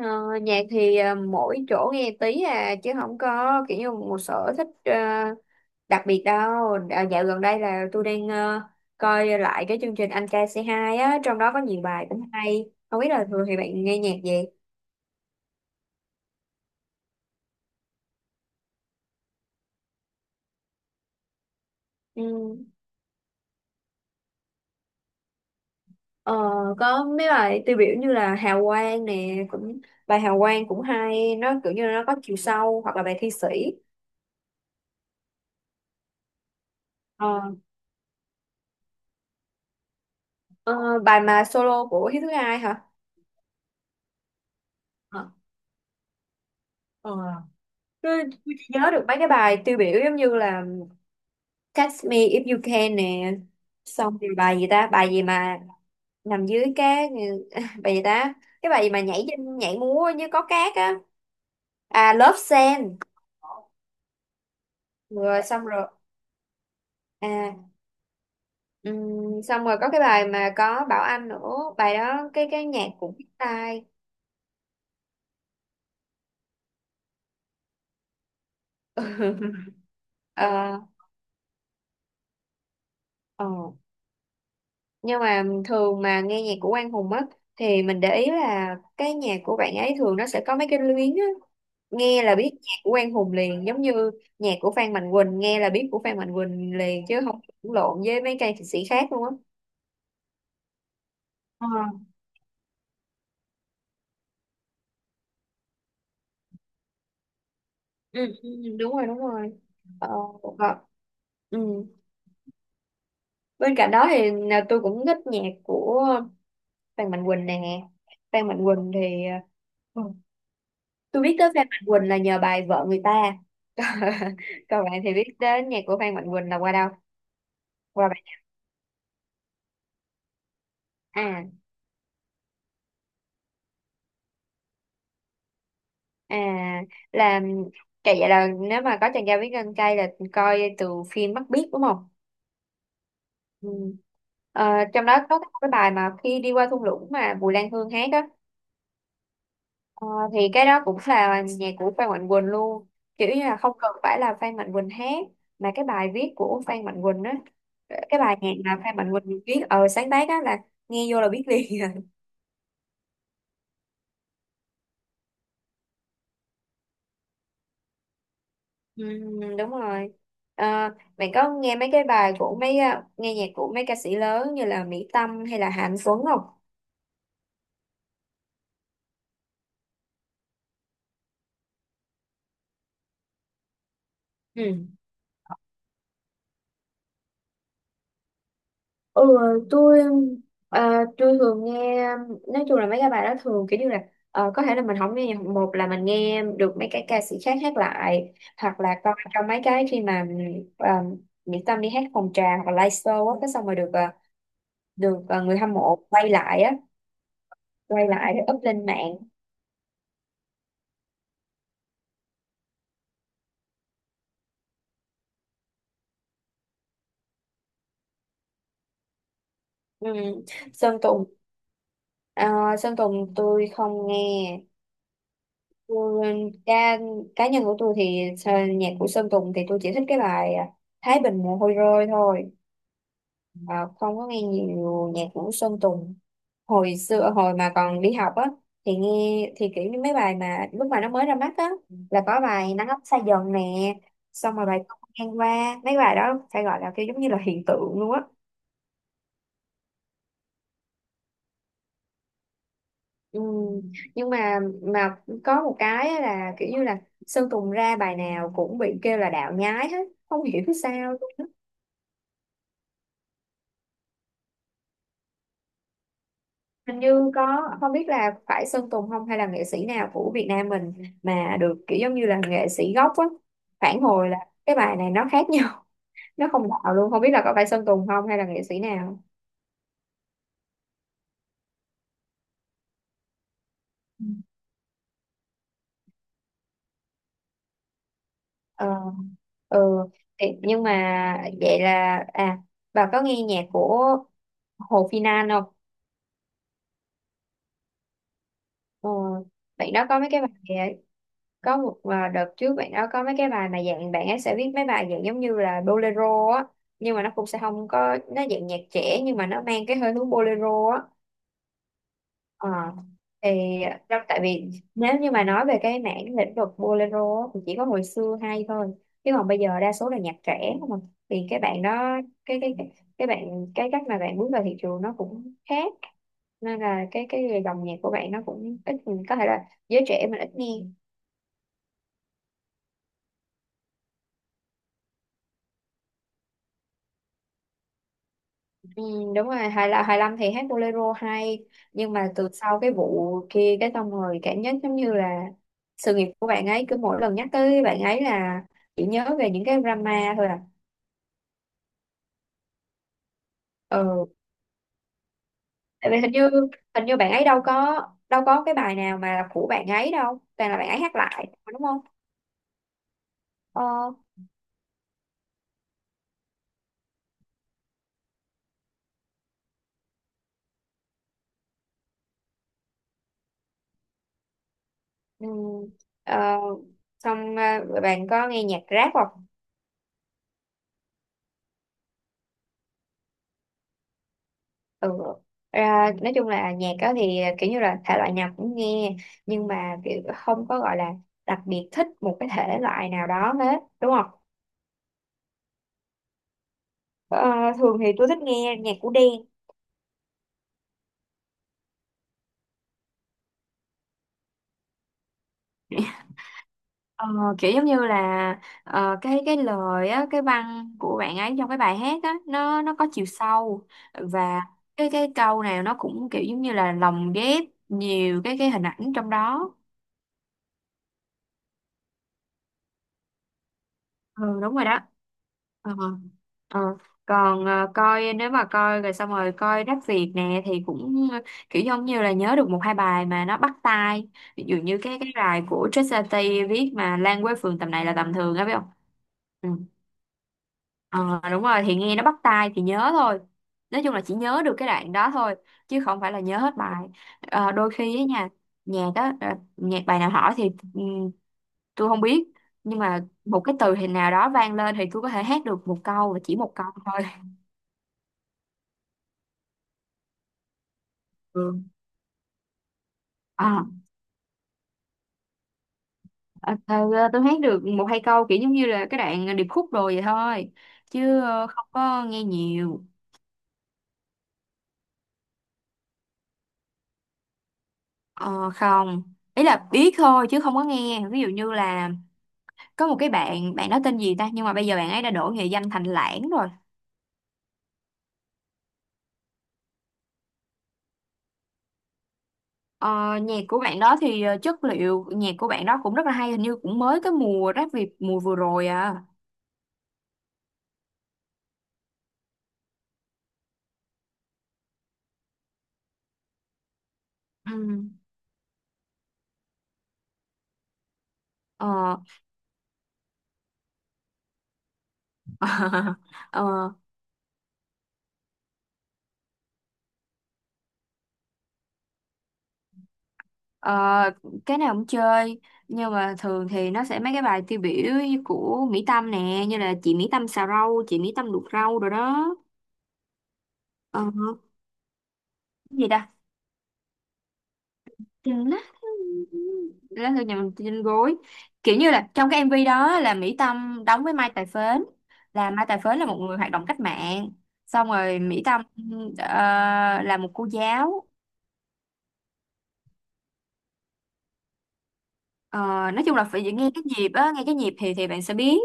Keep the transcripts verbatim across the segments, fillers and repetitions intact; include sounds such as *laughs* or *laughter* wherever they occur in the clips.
Ờ, Nhạc thì ờ, mỗi chỗ nghe tí à chứ không có kiểu như một sở thích ờ, đặc biệt đâu. À, dạo gần đây là tôi đang ờ, coi lại cái chương trình Anh Ca C hai á, trong đó có nhiều bài cũng hay. Không biết là thường thì bạn nghe nhạc gì? Ừ. Ờ, có mấy bài tiêu biểu như là Hào Quang nè, cũng bài Hào Quang cũng hay, nó kiểu như là nó có chiều sâu hoặc là bài Thi Sĩ. Ờ, ờ, Bài mà solo của Hiếu Thứ Hai hả? Ờ. Tôi tôi chỉ nhớ được mấy cái bài tiêu biểu giống như là Catch Me If You Can nè, xong rồi bài gì ta, bài gì mà nằm dưới cát, *laughs* bài gì ta, cái bài gì mà nhảy trên nhảy múa như có cát á, à Love Sand, rồi xong rồi, à ừm, xong rồi có cái bài mà có Bảo Anh nữa, bài đó cái cái nhạc cũng biết tai. *laughs* ờ ờ nhưng mà thường mà nghe nhạc của Quang Hùng á thì mình để ý là cái nhạc của bạn ấy thường nó sẽ có mấy cái luyến á, nghe là biết nhạc của Quang Hùng liền, giống như nhạc của Phan Mạnh Quỳnh nghe là biết của Phan Mạnh Quỳnh liền chứ không lẫn lộn với mấy ca sĩ khác luôn á. Ờ, ừ, ừ, đúng rồi, đúng rồi, ờ, ờ, ừ. Bên cạnh đó thì là tôi cũng thích nhạc của Phan Mạnh Quỳnh nè. Phan Mạnh Quỳnh thì ờ, ừ, tôi biết tới Phan Mạnh Quỳnh là nhờ bài Vợ Người Ta. *laughs* Còn bạn thì biết đến nhạc của Phan Mạnh Quỳnh là qua đâu? Qua bạn. À, à là cái vậy là nếu mà có chàng trai biết gân cay là coi từ phim Mắt Biếc đúng không? Ừ. Ờ, Trong đó có cái bài mà khi đi qua thung lũng mà Bùi Lan Hương hát á. Ờ, thì cái đó cũng là nhạc của Phan Mạnh Quỳnh luôn, kiểu như là không cần phải là Phan Mạnh Quỳnh hát mà cái bài viết của Phan Mạnh Quỳnh á, cái bài nhạc mà Phan Mạnh Quỳnh viết ờ sáng tác á là nghe vô là biết liền à. Ừ, đúng rồi. À, bạn có nghe mấy cái bài của mấy à, nghe nhạc của mấy ca sĩ lớn như là Mỹ Tâm hay là Hà Anh Tuấn không? Ừ. Ừ, tôi à, tôi thường nghe, nói chung là mấy cái bài đó thường kiểu như là ờ, có thể là mình không nghe nhạc, một là mình nghe được mấy cái ca sĩ khác hát lại hoặc là coi trong mấy cái khi mà à, Mỹ Tâm đi hát phòng trà hoặc là live show á, cái xong rồi được ờ, được ờ, người hâm mộ quay lại á, quay lại rồi up lên mạng. Ừ. Sơn Tùng. Ờ, Sơn Tùng tôi không nghe. tôi, cá, Cá nhân của tôi thì ờ, nhạc của Sơn Tùng thì tôi chỉ thích cái bài à, Thái Bình mồ hôi rơi thôi. Ờ, Không có nghe nhiều nhạc của Sơn Tùng. Hồi xưa hồi mà còn đi học á thì nghe thì kiểu như mấy bài mà lúc mà nó mới ra mắt á, là có bài nắng ấm xa dần nè, xong rồi bài con ngang qua, mấy bài đó phải gọi là kiểu giống như là hiện tượng luôn á. Ừ. Nhưng mà mà có một cái á là kiểu như là Sơn Tùng ra bài nào cũng bị kêu là đạo nhái hết, không hiểu sao luôn á. Hình như có, không biết là phải Sơn Tùng không hay là nghệ sĩ nào của Việt Nam mình mà được kiểu giống như là nghệ sĩ gốc á phản hồi là cái bài này nó khác nhau, *laughs* nó không đạo luôn, không biết là có phải Sơn Tùng không hay là nghệ sĩ nào. ờ ừ thì, nhưng mà vậy là à bà có nghe nhạc của Hồ Phi Nan không? Ờ, Bạn đó có mấy cái bài. Có một à, đợt trước bạn đó có mấy cái bài mà dạng bạn ấy sẽ viết mấy bài dạng giống như là bolero á, nhưng mà nó cũng sẽ không có, nó dạng nhạc trẻ nhưng mà nó mang cái hơi hướng bolero á. Ờ, thì trong, tại vì nếu như mà nói về cái mảng lĩnh vực bolero á, thì chỉ có hồi xưa hay thôi chứ còn bây giờ đa số là nhạc trẻ không à. Thì cái bạn đó, cái cái cái cái bạn, cái cách mà bạn bước vào thị trường nó cũng khác, nên là cái cái dòng nhạc của bạn nó cũng ít, có thể là giới trẻ mình ít nghe. Ừ, đúng rồi, hai là hai lăm thì hát bolero hay. Nhưng mà từ sau cái vụ kia cái, xong rồi cảm giác giống như là sự nghiệp của bạn ấy cứ mỗi lần nhắc tới bạn ấy là chỉ nhớ về những cái drama thôi à. Ừ, tại vì hình như hình như bạn ấy đâu có đâu có cái bài nào mà là của bạn ấy đâu, toàn là bạn ấy hát lại đúng không? ờ, ừ, ờ, Xong à, bạn có nghe nhạc rap không? ừ Ra nói chung là nhạc đó thì à, kiểu như là thể loại nào cũng nghe, nhưng mà kiểu không có gọi là đặc biệt thích một cái thể loại nào đó hết đúng không? Ờ, Thường thì tôi thích nghe nhạc của Đen. *laughs* Ờ, Kiểu giống như là ờ, cái cái lời á, cái văn của bạn ấy trong cái bài hát á, nó nó có chiều sâu và cái cái câu nào nó cũng kiểu giống như là lồng ghép nhiều cái cái hình ảnh trong đó. Ừ đúng rồi đó. ờ ờ Còn ờ, coi, nếu mà coi rồi xong rồi coi Rap Việt nè thì cũng ờ, kiểu giống như là nhớ được một hai bài mà nó bắt tai, ví dụ như cái cái bài của Trisha Tây viết mà Lan quê phường tầm này là tầm thường á biết không. Ừ. Ờ Đúng rồi, thì nghe nó bắt tai thì nhớ thôi. Nói chung là chỉ nhớ được cái đoạn đó thôi chứ không phải là nhớ hết bài. Ờ, đôi khi á nha, nhạc á ờ, nhạc bài nào hỏi thì ừm, tôi không biết. Nhưng mà một cái từ hình nào đó vang lên thì tôi có thể hát được một câu và chỉ một câu thôi. Ừ. Ờ, ờ, ờ, tôi hát được một hai câu kiểu giống như là cái đoạn điệp khúc rồi vậy thôi, chứ ờ, không có nghe nhiều. Ờ, không, ý là biết thôi chứ không có nghe, ví dụ như là có một cái bạn bạn đó tên gì ta, nhưng mà bây giờ bạn ấy đã đổi nghệ danh thành Lãng rồi. ờ, Nhạc của bạn đó thì ờ, chất liệu nhạc của bạn đó cũng rất là hay, hình như cũng mới cái mùa Rap Việt mùa vừa rồi à. Ừ. ờ, *laughs* ờ, ờ, cái nào cũng chơi, nhưng mà thường thì nó sẽ mấy cái bài tiêu biểu như của Mỹ Tâm nè, như là chị Mỹ Tâm xào rau, chị Mỹ Tâm luộc rau rồi đó. ờ, cái gì ta, Trên lát lá thư nhà mình trên gối, kiểu như là trong cái em vê đó là Mỹ Tâm đóng với Mai Tài Phến, là Mai Tài Phến là một người hoạt động cách mạng, xong rồi Mỹ Tâm ờ, là một cô giáo. Ờ, nói chung là phải nghe cái nhịp á, nghe cái nhịp thì thì bạn sẽ biết.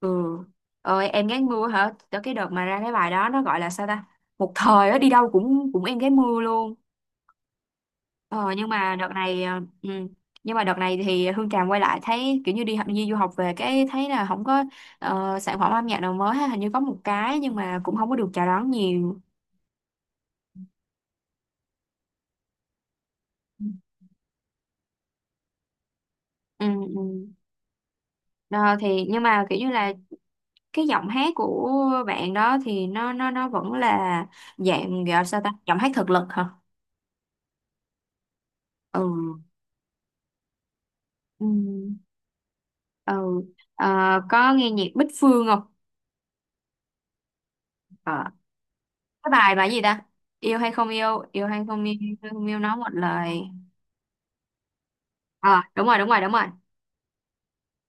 Ừ, ơi em gái mưa hả, tới cái đợt mà ra cái bài đó nó gọi là sao ta, một thời á đi đâu cũng cũng em gái mưa luôn. Ờ, nhưng mà đợt này ờ, ừ. nhưng mà đợt này thì Hương Tràm quay lại thấy kiểu như đi học đi du học về, cái thấy là không có ờ, sản phẩm âm nhạc nào mới ha, hình như có một cái nhưng mà cũng không có được chào đón nhiều. Ừ, ừ. Đó, thì nhưng mà kiểu như là cái giọng hát của bạn đó thì nó nó nó vẫn là dạng gọi sao ta, giọng hát thực lực hả. Ừ, ừ, ừ. Ờ, có nghe nhạc Bích Phương không? Ờ, cái bài bài gì ta, yêu hay không yêu, yêu hay không yêu, yêu, không yêu nói một lời. Ờ, đúng rồi, đúng rồi, đúng rồi.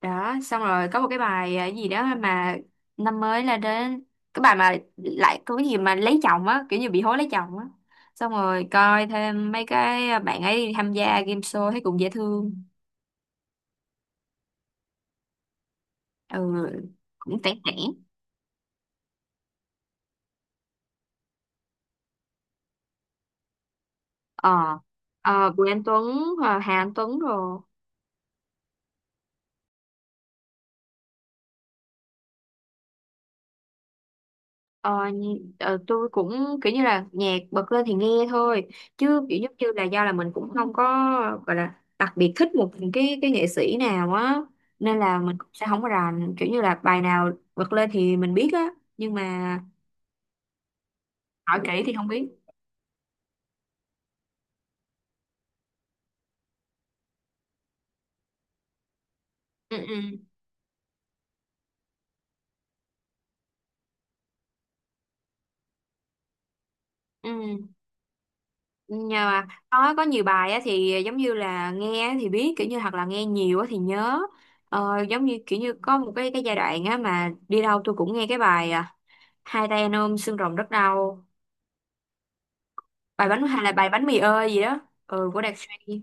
Đó, xong rồi có một cái bài ờ, gì đó mà năm mới là đến, cái bài mà lại có cái gì mà lấy chồng á, kiểu như bị hối lấy chồng á. Xong rồi coi thêm mấy cái ờ, bạn ấy tham gia game show thấy cũng dễ thương. Ừ, cũng tẻ tẻ. Ờ, ờ Bùi Anh Tuấn, Hà Hà Anh Tuấn rồi. Ờ, nhi- ờ, tôi cũng kiểu như là nhạc bật lên thì nghe thôi, chứ kiểu giống như là do là mình cũng không có gọi là đặc biệt thích một cái cái nghệ sĩ nào á, nên là mình cũng sẽ không có rành kiểu như là bài nào bật lên thì mình biết á, nhưng mà hỏi kỹ thì không biết. Ừ, ừ, ừ, nhờ mà có có nhiều bài á thì giống như là nghe á thì biết, kiểu như hoặc là nghe nhiều á thì nhớ. Ờ, giống như kiểu như có một cái cái giai đoạn á mà đi đâu tôi cũng nghe cái bài à, hai tay anh ôm xương rồng rất đau. Bài bánh hay là bài bánh mì ơi gì đó, ừ, của Đạt Suy.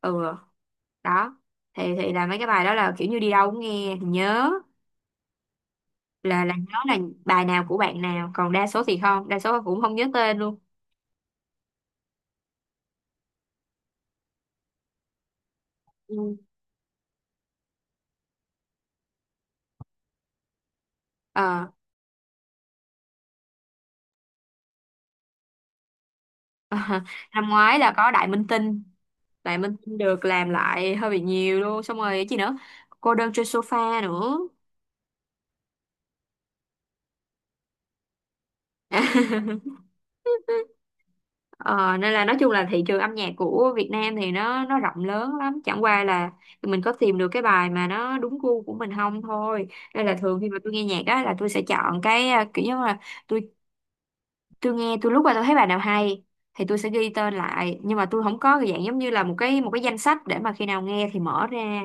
Ừ đó, thì thì là mấy cái bài đó là kiểu như đi đâu cũng nghe thì nhớ, là là nhớ là bài nào của bạn nào, còn đa số thì không, đa số cũng không nhớ tên luôn. Ừ. ờ *laughs* Năm ngoái là có Đại Minh Tinh, Đại Minh Tinh được làm lại hơi bị nhiều luôn, xong rồi cái gì nữa, cô đơn trên sofa nữa. *laughs* Ờ, Nên là nói chung là thị trường âm nhạc của Việt Nam thì nó nó rộng lớn lắm, chẳng qua là mình có tìm được cái bài mà nó đúng gu của mình không thôi. Nên là thường khi mà tôi nghe nhạc đó là tôi sẽ chọn cái à, kiểu như là tôi tôi nghe tôi lúc mà tôi thấy bài nào hay thì tôi sẽ ghi tên lại, nhưng mà tôi không có cái dạng giống như là một cái một cái danh sách để mà khi nào nghe thì mở ra,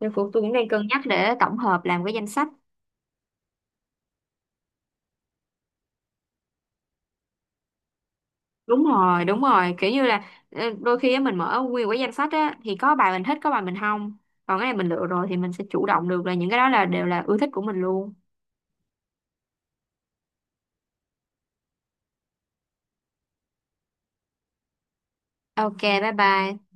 nên cũng tôi cũng đang cân nhắc để tổng hợp làm cái danh sách. Đúng rồi, đúng rồi, kiểu như là ờ, đôi khi á, mình mở nguyên một cái danh sách á thì có bài mình thích, có bài mình không, còn cái này mình lựa rồi thì mình sẽ chủ động được là những cái đó là đều là ưa thích của mình luôn. OK, bye bye.